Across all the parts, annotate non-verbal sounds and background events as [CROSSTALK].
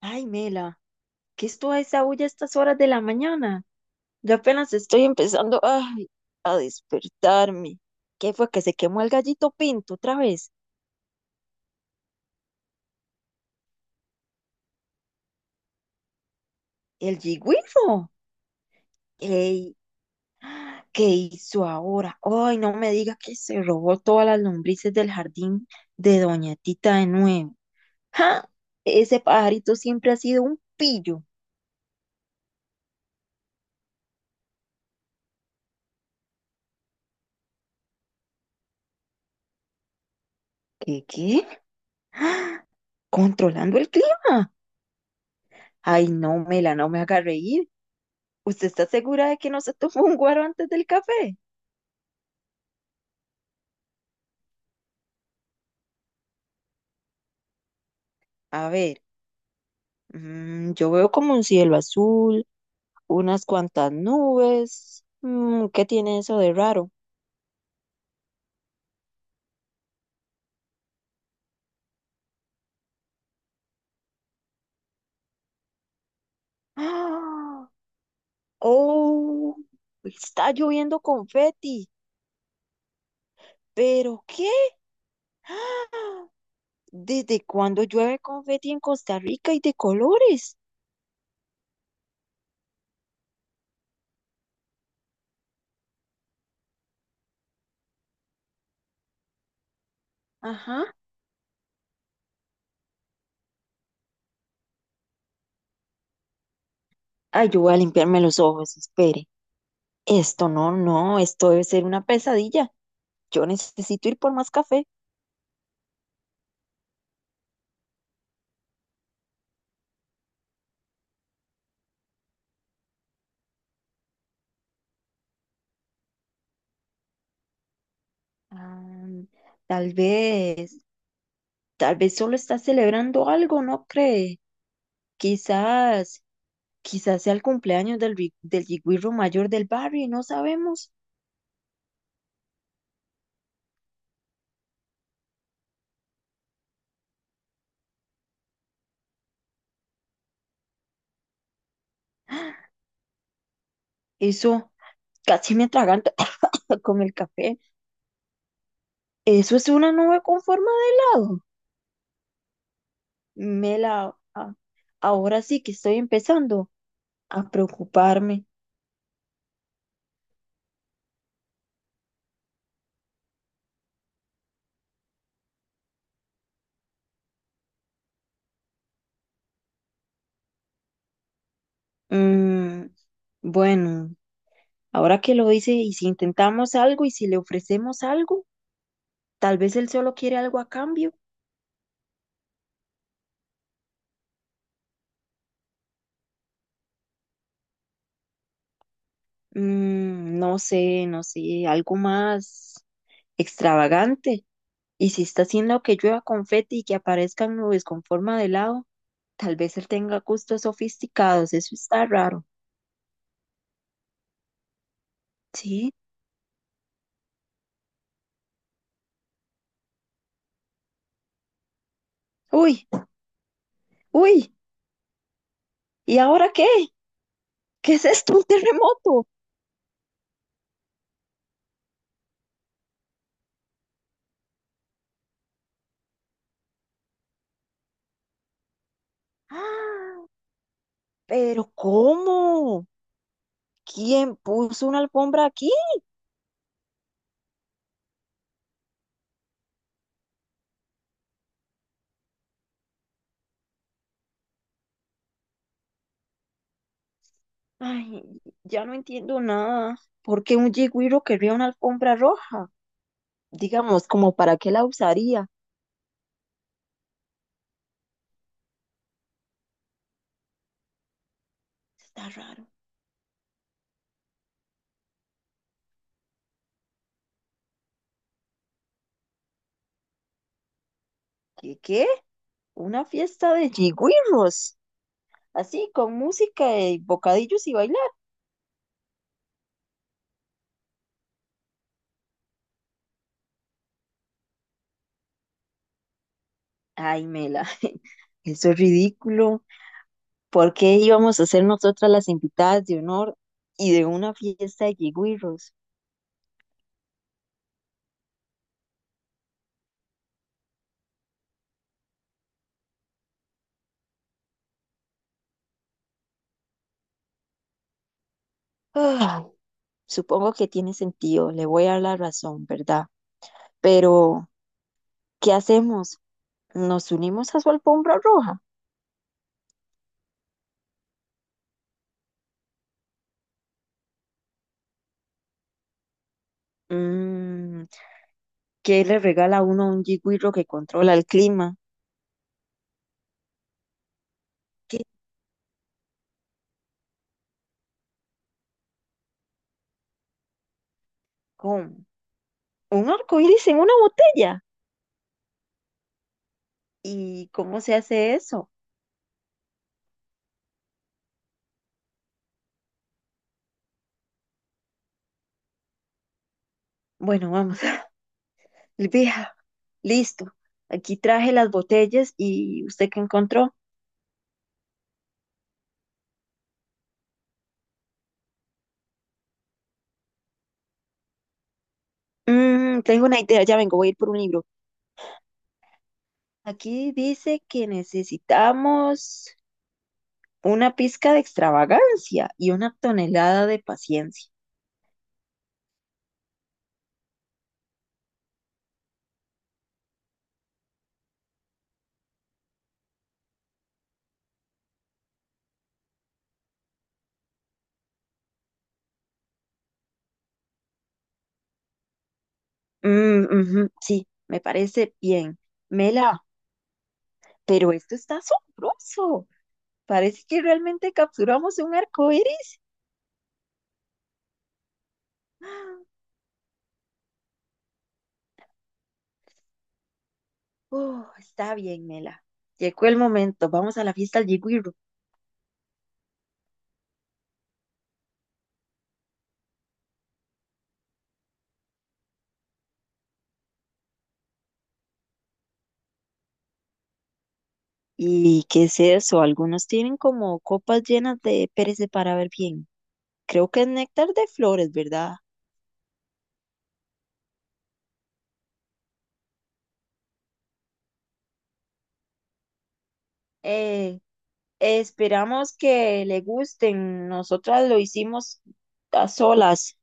Ay, Mela, ¿qué es toda esa bulla a estas horas de la mañana? Yo apenas estoy empezando, ay, a despertarme. ¿Qué fue que se quemó el gallito pinto otra vez? ¿El yigüifo? Ey, ¿qué hizo ahora? Ay, no me diga que se robó todas las lombrices del jardín de Doña Tita de nuevo. ¡Ja! Ese pajarito siempre ha sido un pillo. ¿Qué, qué? ¿Controlando el clima? Ay, no, Mela, no me haga reír. ¿Usted está segura de que no se [LAUGHS] tomó un guaro antes del café? A ver, yo veo como un cielo azul, unas cuantas nubes. ¿Qué tiene eso de raro? ¡Ah! ¡Oh! Está lloviendo confeti. ¿Pero qué? ¡Ah! ¿Desde cuándo llueve confeti en Costa Rica y de colores? Ajá. Ay, yo voy a limpiarme los ojos, espere. Esto no, no, esto debe ser una pesadilla. Yo necesito ir por más café. Ah, tal vez, tal vez solo está celebrando algo, ¿no cree? Quizás, quizás sea el cumpleaños del yigüirro mayor del barrio y no sabemos. Eso casi me atraganta [COUGHS] con el café. Eso es una nube con forma de helado. Me a- ahora sí que estoy empezando a preocuparme. Mm, bueno, ahora que lo hice, ¿y si intentamos algo y si le ofrecemos algo? Tal vez él solo quiere algo a cambio. No sé, no sé, algo más extravagante. Y si está haciendo que llueva confeti y que aparezcan nubes con forma de helado, tal vez él tenga gustos sofisticados, eso está raro. Sí. Uy, uy, ¿y ahora qué? ¿Qué es esto? ¿Un terremoto? ¡Ah! ¿Pero cómo? ¿Quién puso una alfombra aquí? Ay, ya no entiendo nada. ¿Por qué un yigüiro querría una alfombra roja? Digamos, ¿como para qué la usaría? Está raro. ¿Qué qué? Una fiesta de jigüirros. Así, con música y bocadillos y bailar. Ay, Mela, [LAUGHS] eso es ridículo. ¿Por qué íbamos a ser nosotras las invitadas de honor y de una fiesta de jigüirros? Ah, supongo que tiene sentido, le voy a dar la razón, ¿verdad? Pero, ¿qué hacemos? ¿Nos unimos a su alfombra roja? Mm, ¿Qué le regala uno a un jigüirro que controla el clima? ¿Qué? ¿Cómo? Un arco iris en una botella. ¿Y cómo se hace eso? Bueno, vamos, [LAUGHS] Elvija, listo. Aquí traje las botellas y ¿usted qué encontró? Tengo una idea, ya vengo, voy a ir por un libro. Aquí dice que necesitamos una pizca de extravagancia y una tonelada de paciencia. Mm, ujú, sí, me parece bien. Mela, pero esto está asombroso. Parece que realmente capturamos un arco iris. Está bien, Mela. Llegó el momento. Vamos a la fiesta al Yigüirro. ¿Y qué es eso? Algunos tienen como copas llenas de pérez para ver bien. Creo que es néctar de flores, ¿verdad? Eh, esperamos que le gusten. Nosotras lo hicimos a solas.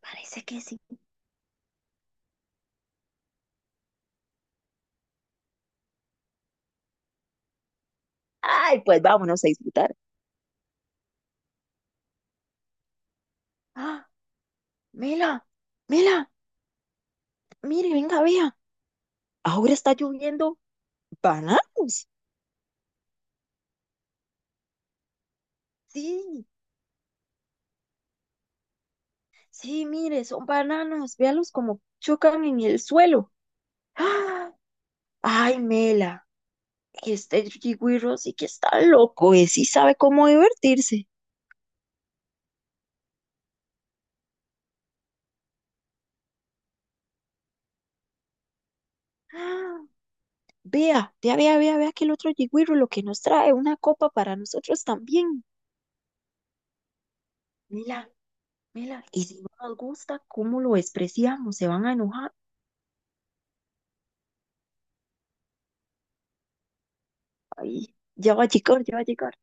Parece que sí. Ay, pues vámonos a disfrutar. Ah, Mela, Mela, mire, venga, vea. Ahora está lloviendo bananos. Sí, sí, mire, son bananos, véalos como chocan en el suelo. ¡Ah! Ay, Mela, este Yigüirro sí que está loco, y sí sabe cómo divertirse. ¡Ah! Vea, vea, vea, vea, vea que el otro Yigüirro lo que nos trae, una copa para nosotros también. Mela, Mela, y si no nos gusta, ¿cómo lo despreciamos? Se van a enojar. Ay, ya va a llegar, ya va a llegar.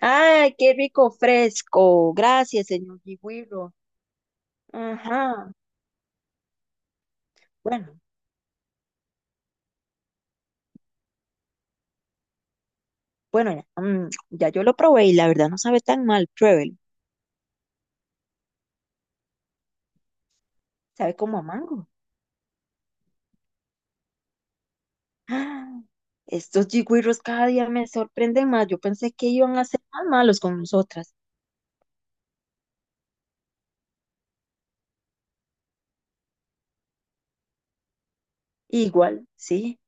Ay, qué rico fresco. Gracias, señor Yigüirro. Ajá. Bueno. Bueno, ya, ya yo lo probé y la verdad no sabe tan mal, pruébelo. Sabe como a mango. [GASPS] ¡Ah! Estos jigüiros cada día me sorprenden más. Yo pensé que iban a ser más malos con nosotras. Igual, sí.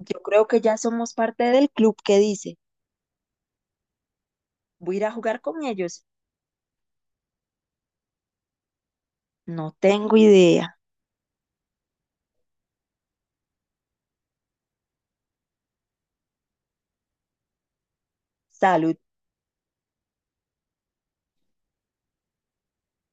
Yo creo que ya somos parte del club que dice, voy a ir a jugar con ellos. No tengo idea. Salud.